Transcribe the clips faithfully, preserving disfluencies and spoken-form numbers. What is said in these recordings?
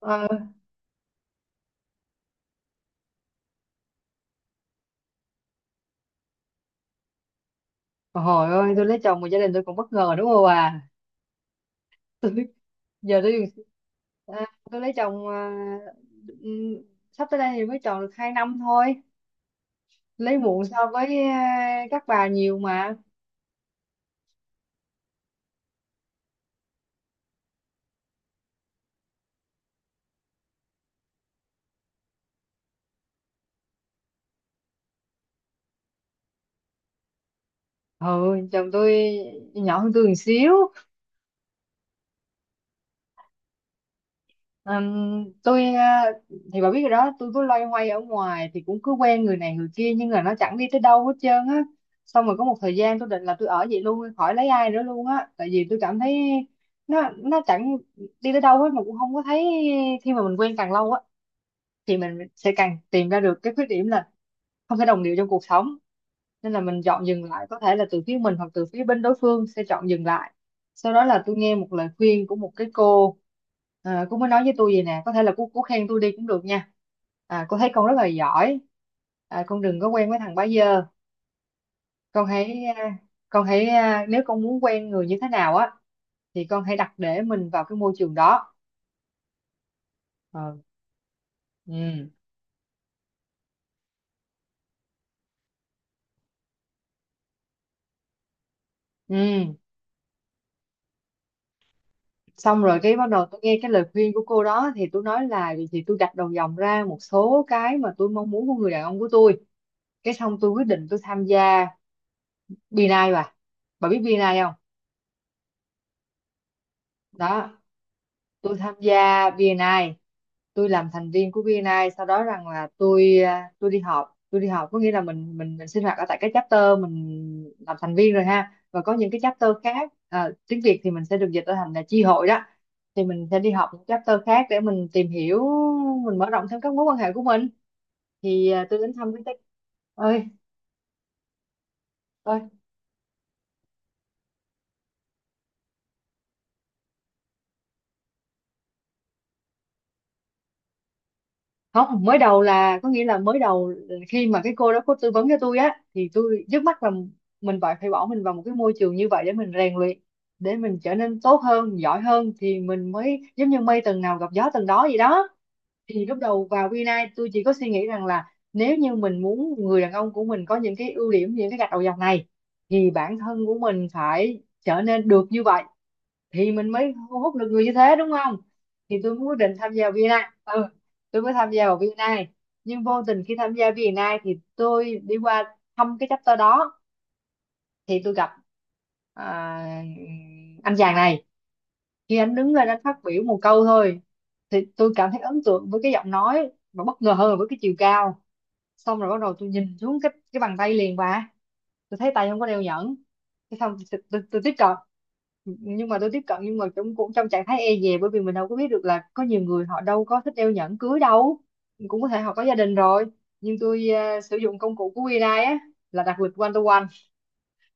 Ờ, hồi ơi tôi lấy chồng mà gia đình tôi còn bất ngờ đúng không bà. Tôi giờ tôi à, tôi lấy chồng, à, ừm, sắp tới đây thì mới tròn được hai năm thôi. Lấy muộn so với à, các bà nhiều mà. Ừ, chồng tôi nhỏ hơn tôi một xíu. Ừm, tôi ờ, thì bà biết rồi đó, tôi cứ loay hoay ở ngoài thì cũng cứ quen người này người kia nhưng mà nó chẳng đi tới đâu hết trơn á. Xong rồi có một thời gian tôi định là tôi ở vậy luôn khỏi lấy ai nữa luôn á, tại vì tôi cảm thấy nó nó chẳng đi tới đâu hết mà cũng không có thấy. Khi mà mình quen càng lâu á thì mình sẽ càng tìm ra được cái khuyết điểm là không thể đồng điệu trong cuộc sống, nên là mình chọn dừng lại, có thể là từ phía mình hoặc từ phía bên đối phương sẽ chọn dừng lại. Sau đó là tôi nghe một lời khuyên của một cái cô. À, cô mới nói với tôi vậy nè, có thể là cô, cô khen tôi đi cũng được nha. À, cô thấy con rất là giỏi, à, con đừng có quen với thằng bá dơ. Con hãy à, con hãy à, nếu con muốn quen người như thế nào á thì con hãy đặt để mình vào cái môi trường đó. Ờ. Ừ. Ừ, xong rồi cái bắt đầu tôi nghe cái lời khuyên của cô đó thì tôi nói là vậy thì tôi gạch đầu dòng ra một số cái mà tôi mong muốn của người đàn ông của tôi. Cái xong tôi quyết định tôi tham gia bê en i bà bà biết bê en i không? Đó, tôi tham gia vê en i, tôi làm thành viên của vê en i. Sau đó rằng là tôi à, tôi đi họp, tôi đi họp có nghĩa là mình mình mình sinh hoạt ở tại cái chapter mình làm thành viên rồi ha, và có những cái chapter khác, à, tiếng Việt thì mình sẽ được dịch ra thành là chi hội đó. Thì mình sẽ đi họp những chapter khác để mình tìm hiểu, mình mở rộng thêm các mối quan hệ của mình. Thì à, tôi đến thăm cái ơi ơi. Không, mới đầu là có nghĩa là mới đầu khi mà cái cô đó cô tư vấn cho tôi á thì tôi trước mắt là mình phải phải bỏ mình vào một cái môi trường như vậy để mình rèn luyện, để mình trở nên tốt hơn giỏi hơn thì mình mới giống như mây tầng nào gặp gió tầng đó vậy đó. Thì lúc đầu vào Vina tôi chỉ có suy nghĩ rằng là nếu như mình muốn người đàn ông của mình có những cái ưu điểm những cái gạch đầu dòng này thì bản thân của mình phải trở nên được như vậy thì mình mới hút được người như thế, đúng không. Thì tôi mới quyết định tham gia vê en i. Ừ, tôi mới tham gia vào vê en i. Nhưng vô tình khi tham gia vê en i thì tôi đi qua thăm cái chapter đó thì tôi gặp à, anh chàng này. Khi anh đứng lên anh phát biểu một câu thôi thì tôi cảm thấy ấn tượng với cái giọng nói và bất ngờ hơn với cái chiều cao. Xong rồi bắt đầu tôi nhìn xuống cái cái bàn tay liền bà, tôi thấy tay không có đeo nhẫn. Thế xong tôi, tôi, tôi tiếp cận, nhưng mà tôi tiếp cận nhưng mà cũng cũng trong trạng thái e dè, bởi vì mình đâu có biết được là có nhiều người họ đâu có thích đeo nhẫn cưới đâu, cũng có thể họ có gia đình rồi. Nhưng tôi à, sử dụng công cụ của bê en i á, là đặt lịch one to one.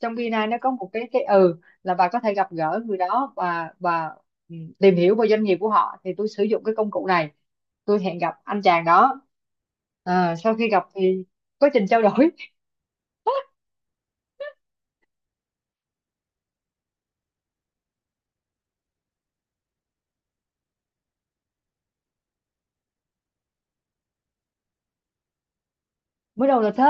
Trong bê en i nó có một cái cái ừ là bà có thể gặp gỡ người đó và và ừ, tìm hiểu về doanh nghiệp của họ, thì tôi sử dụng cái công cụ này, tôi hẹn gặp anh chàng đó. Ờ, sau khi gặp thì quá trình trao đổi mới đầu là thế,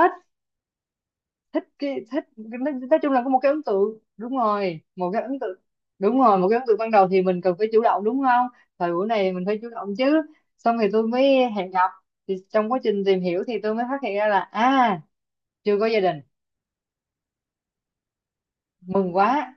thích cái thích, nói, nói chung là có một cái ấn tượng, đúng rồi, một cái ấn tượng, đúng rồi, một cái ấn tượng ban đầu thì mình cần phải chủ động đúng không, thời buổi này mình phải chủ động chứ. Xong thì tôi mới hẹn gặp, thì trong quá trình tìm hiểu thì tôi mới phát hiện ra là à, chưa có gia đình, mừng quá.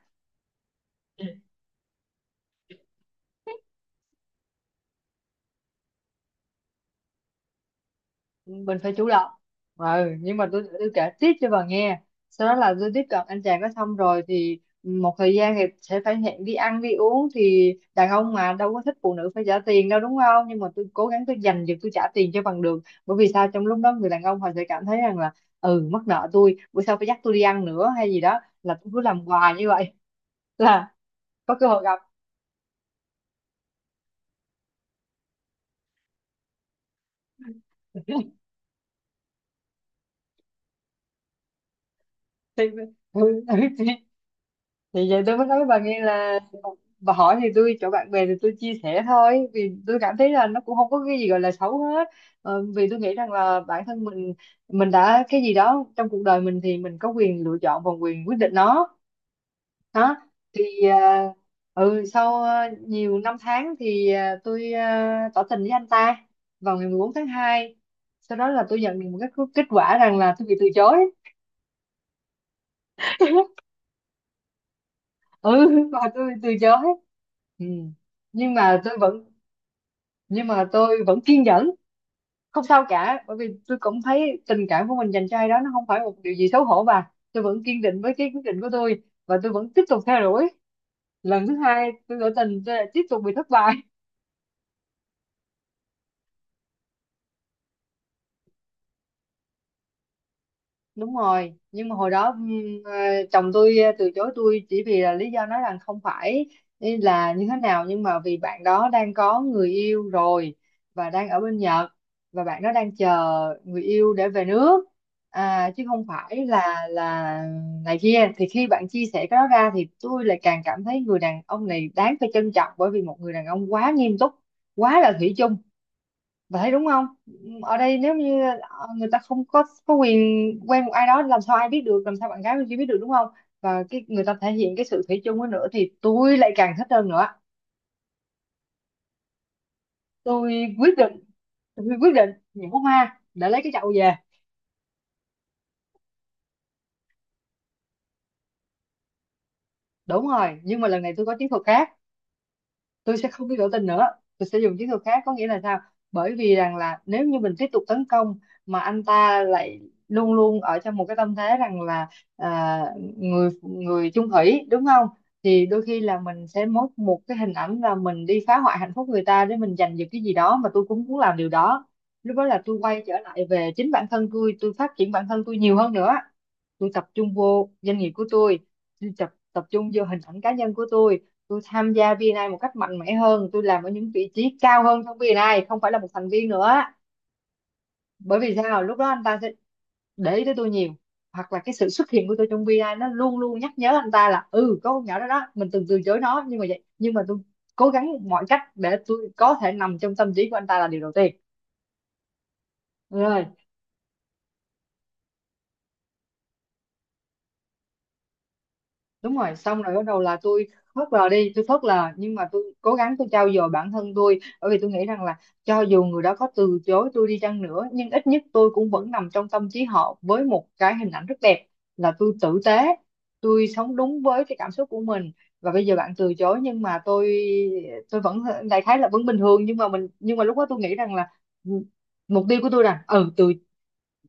Mình phải chủ động. Ừ, nhưng mà tôi tôi kể tiếp cho bà nghe. Sau đó là tôi tiếp cận anh chàng đó, xong rồi thì một thời gian thì sẽ phải hẹn đi ăn đi uống, thì đàn ông mà đâu có thích phụ nữ phải trả tiền đâu đúng không, nhưng mà tôi cố gắng tôi dành được tôi trả tiền cho bằng được, bởi vì sao, trong lúc đó người đàn ông họ sẽ cảm thấy rằng là ừ mắc nợ tôi, bữa sau phải dắt tôi đi ăn nữa hay gì đó, là tôi cứ làm hoài như vậy là có cơ hội gặp. thì, thì vậy tôi mới nói bà nghe là bà hỏi thì tôi chỗ bạn bè thì tôi chia sẻ thôi, vì tôi cảm thấy là nó cũng không có cái gì gọi là xấu hết. Ờ, vì tôi nghĩ rằng là bản thân mình mình đã cái gì đó trong cuộc đời mình thì mình có quyền lựa chọn và quyền quyết định nó. Đó, thì à, ừ sau à, nhiều năm tháng thì à, tôi à, tỏ tình với anh ta vào ngày 14 tháng hai. Sau đó là tôi nhận được một cái kết quả rằng là tôi bị từ chối. Ừ. Và tôi từ chối. Ừ. Nhưng mà tôi vẫn, nhưng mà tôi vẫn kiên nhẫn, không sao cả, bởi vì tôi cũng thấy tình cảm của mình dành cho ai đó nó không phải một điều gì xấu hổ, và tôi vẫn kiên định với cái quyết định của tôi và tôi vẫn tiếp tục theo đuổi. Lần thứ hai tôi tỏ tình tôi lại tiếp tục bị thất bại. Đúng rồi, nhưng mà hồi đó ừm, ờ, chồng tôi ờ, từ chối tôi chỉ vì là lý do nói rằng không phải là như thế nào, nhưng mà vì bạn đó đang có người yêu rồi và đang ở bên Nhật, và bạn đó đang chờ người yêu để về nước. À, chứ không phải là là này kia, thì khi bạn chia sẻ cái đó ra thì tôi lại càng cảm thấy người đàn ông này đáng phải trân trọng, bởi vì một người đàn ông quá nghiêm túc, quá là thủy chung, vậy đúng không. Ở đây nếu như ờ, người ta không có có quyền quen một ai đó, làm sao ai biết được, làm sao bạn gái bên kia biết được đúng không. Và cái người ta thể hiện cái sự thủy chung ấy nữa thì tôi lại càng thích hơn nữa. Tôi quyết định, tôi quyết định nhổ hoa để lấy cái chậu về. Đúng rồi, nhưng mà lần này tôi có chiến thuật khác. Tôi sẽ không có biểu tình nữa, tôi sẽ dùng chiến thuật khác, có nghĩa là sao, bởi vì rằng là nếu như mình tiếp tục tấn công mà anh ta lại luôn luôn ở trong một cái tâm thế rằng là à, người người chung thủy đúng không, thì đôi khi là mình sẽ mất một cái hình ảnh là mình đi phá hoại hạnh phúc người ta để mình giành được cái gì đó, mà tôi cũng muốn làm điều đó. Lúc đó là tôi quay trở lại về chính bản thân tôi tôi phát triển bản thân tôi nhiều hơn nữa. Tôi tập trung vô doanh nghiệp của tôi tôi tập tập trung vô hình ảnh cá nhân của tôi. Tôi tham gia vê en i một cách mạnh mẽ hơn, tôi làm ở những vị trí cao hơn trong vê en i, không phải là một thành viên nữa. Bởi vì sao, lúc đó anh ta sẽ để ý tới tôi nhiều, hoặc là cái sự xuất hiện của tôi trong vê en i nó luôn luôn nhắc nhớ anh ta là ừ có con nhỏ đó đó mình từng từ chối nó, nhưng mà vậy nhưng mà tôi cố gắng mọi cách để tôi có thể nằm trong tâm trí của anh ta là điều đầu tiên. Rồi, đúng rồi, xong rồi bắt đầu là tôi phớt lờ đi, tôi phớt lờ, nhưng mà tôi cố gắng tôi trau dồi bản thân tôi, bởi vì tôi nghĩ rằng là cho dù người đó có từ chối tôi đi chăng nữa nhưng ít nhất tôi cũng vẫn nằm trong tâm trí họ với một cái hình ảnh rất đẹp. Là tôi tử tế, tôi sống đúng với cái cảm xúc của mình. Và bây giờ bạn từ chối nhưng mà tôi tôi vẫn đại khái là vẫn bình thường, nhưng mà mình nhưng mà lúc đó tôi nghĩ rằng là ừ, mục tiêu của tôi là ừ từ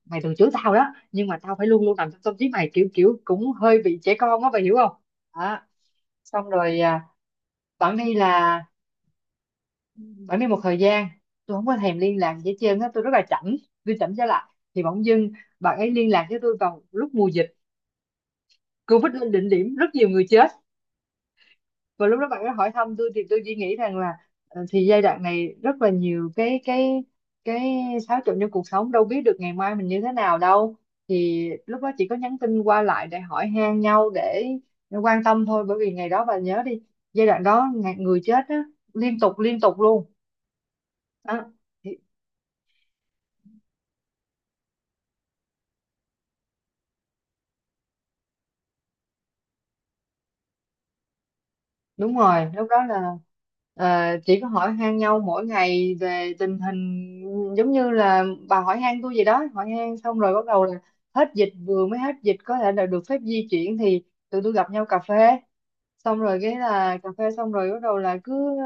mày từng chửi tao đó, nhưng mà tao phải luôn luôn nằm trong tâm trí mày, kiểu kiểu cũng hơi bị trẻ con á, mày hiểu không. Đó, xong rồi à, bạn đi là bạn đi một thời gian, tôi không có thèm liên lạc gì hết trơn á, tôi rất là chảnh, tôi chảnh trở lại. Thì bỗng dưng bạn ấy liên lạc với tôi vào lúc mùa dịch Covid lên đỉnh điểm, rất nhiều người chết. Và lúc đó bạn ấy hỏi thăm tôi thì tôi chỉ nghĩ rằng là ờ, thì giai đoạn này rất là nhiều cái cái cái xáo trộn trong cuộc sống, đâu biết được ngày mai mình như thế nào đâu. Thì lúc đó chỉ có nhắn tin qua lại để hỏi han nhau, để quan tâm thôi, bởi vì ngày đó bà nhớ đi, giai đoạn đó ngày- người chết á, liên tục liên tục luôn. Đó. Đúng rồi, lúc đó là ờ, chỉ có hỏi han nhau mỗi ngày về tình hình, giống như là bà hỏi han tôi gì đó, hỏi han xong rồi bắt đầu là hết dịch, vừa mới hết dịch có thể là được phép di chuyển thì tụi tôi gặp nhau cà phê. Xong rồi cái là cà phê xong rồi bắt đầu là cứ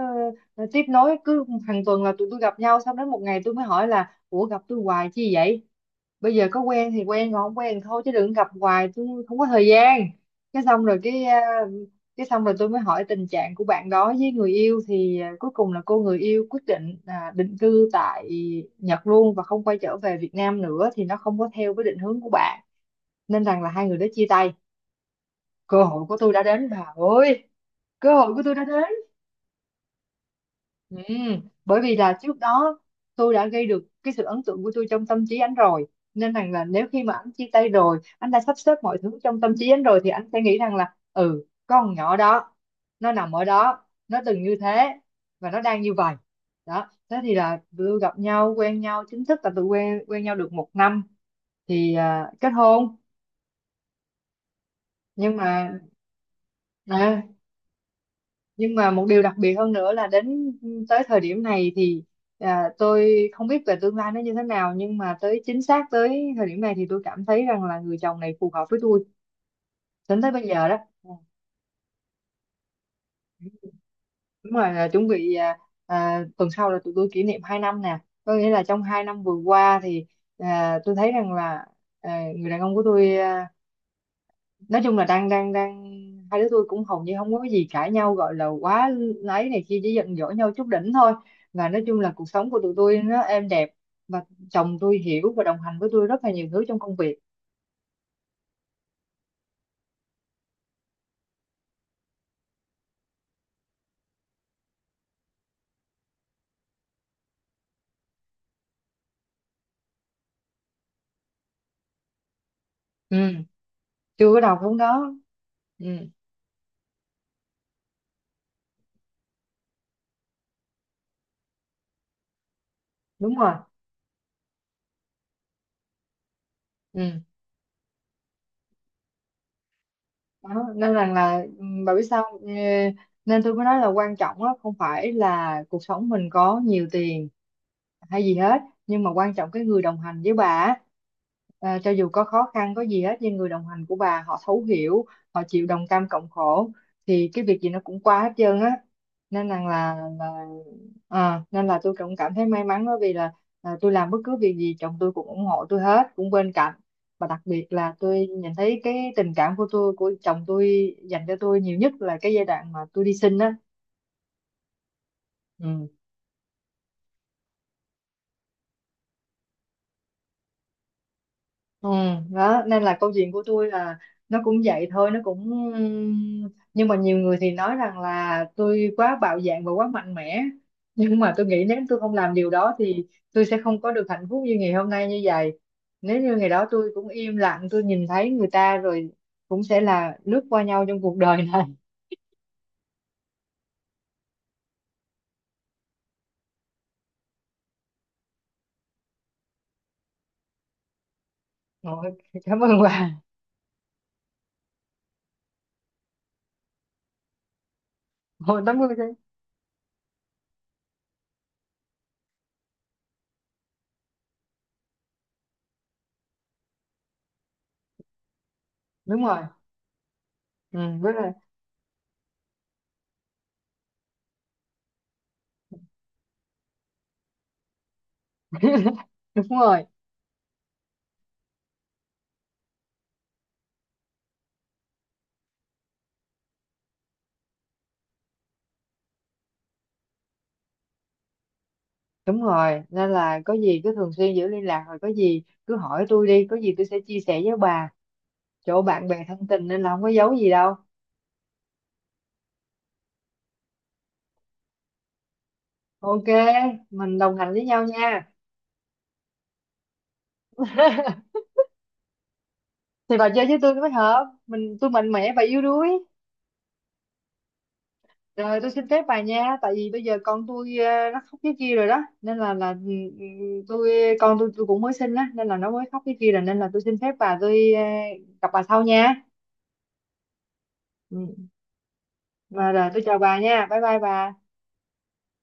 ờ, tiếp nối cứ hàng tuần là tụi tôi gặp nhau. Xong đến một ngày tôi mới hỏi là ủa, gặp tôi hoài chi vậy, bây giờ có quen thì quen, còn không quen thì thôi, chứ đừng gặp hoài, tôi không có thời gian. Cái xong rồi cái ờ, cái xong rồi tôi mới hỏi tình trạng của bạn đó với người yêu, thì ờ, cuối cùng là cô người yêu quyết định là định cư tại Nhật luôn và không quay trở về Việt Nam nữa, thì nó không có theo với định hướng của bạn, nên rằng là hai người đã chia tay. Cơ hội của tôi đã đến bà ơi, cơ hội của tôi đã đến. Ừ. Bởi vì là trước đó tôi đã gây được cái sự ấn tượng của tôi trong tâm trí anh rồi, nên rằng là nếu khi mà anh chia tay rồi, anh đã sắp xếp mọi thứ trong tâm trí anh rồi, thì anh sẽ nghĩ rằng là ừ, con nhỏ đó nó nằm ở đó, nó từng như thế và nó đang như vậy. Đó, thế thì là tụi tôi gặp nhau, quen nhau chính thức là tụi quen quen nhau được một năm thì à, kết hôn. Nhưng mà à, nhưng mà một điều đặc biệt hơn nữa là đến tới thời điểm này thì à, tôi không biết về tương lai nó như thế nào, nhưng mà tới chính xác tới thời điểm này thì tôi cảm thấy rằng là người chồng này phù hợp với tôi đến tới bây giờ đó. Ừ. Đúng rồi, là chuẩn bị à, à, tuần sau là tụi tôi kỷ niệm hai năm nè. Có nghĩa là trong hai năm vừa qua thì à, tôi thấy rằng là à, người đàn ông của tôi à, nói chung là đang đang đang hai đứa tôi cũng hầu như không có cái gì cãi nhau gọi là quá ấy này kia, chỉ giận dỗi nhau chút đỉnh thôi. Và nói chung là cuộc sống của tụi tôi nó êm đẹp, và chồng tôi hiểu và đồng hành với tôi rất là nhiều thứ trong công việc. Ừ, chưa có đầu cũng đó. Ừ. Đúng rồi. Ừ. Đó nên rằng là ừ, bà biết sao. ờ, Nên tôi mới nói là quan trọng á, không phải là cuộc sống mình có nhiều tiền hay gì hết, nhưng mà quan trọng cái người đồng hành với bà á. Ờ, cho dù có khó khăn có gì hết, nhưng người đồng hành của bà họ thấu hiểu, họ chịu đồng cam cộng khổ, thì cái việc gì nó cũng qua hết trơn á, nên rằng là, là à, nên là tôi cũng cảm thấy may mắn, bởi vì là, là tôi làm bất cứ việc gì chồng tôi cũng ủng hộ tôi hết, cũng bên cạnh. Và đặc biệt là tôi nhìn thấy cái tình cảm của tôi, của chồng tôi dành cho tôi nhiều nhất là cái giai đoạn mà tôi đi sinh á. Ừ. Ừ. Đó nên là câu chuyện của tôi là nó cũng vậy thôi, nó cũng nhưng mà nhiều người thì nói rằng là tôi quá bạo dạn và quá mạnh mẽ, nhưng mà tôi nghĩ nếu tôi không làm điều đó thì tôi sẽ không có được hạnh phúc như ngày hôm nay như vậy. Nếu như ngày đó tôi cũng im lặng, tôi nhìn thấy người ta rồi cũng sẽ là lướt qua nhau trong cuộc đời này. Ôi, cảm ơn bà. Ôi, cảm ơn. Đúng rồi. Ừ, đúng rồi. Đúng rồi. Đúng rồi, nên là có gì cứ thường xuyên giữ liên lạc, rồi có gì cứ hỏi tôi đi, có gì tôi sẽ chia sẻ với bà, chỗ bạn bè thân tình nên là không có giấu gì đâu. Ok, mình đồng hành với nhau nha. Thì bà chơi với tôi mới hợp, mình tôi mạnh mẽ và yếu đuối. Rồi, tôi xin phép bà nha, tại vì bây giờ con tôi ờ, nó khóc cái kia rồi đó, nên là là ừ, ừ, tôi con tôi tôi cũng mới sinh á nên là nó mới khóc cái kia rồi, nên là tôi xin phép bà, tôi ờ, gặp bà sau nha. Ừ. Và rồi tôi chào bà nha. Bye bye bà.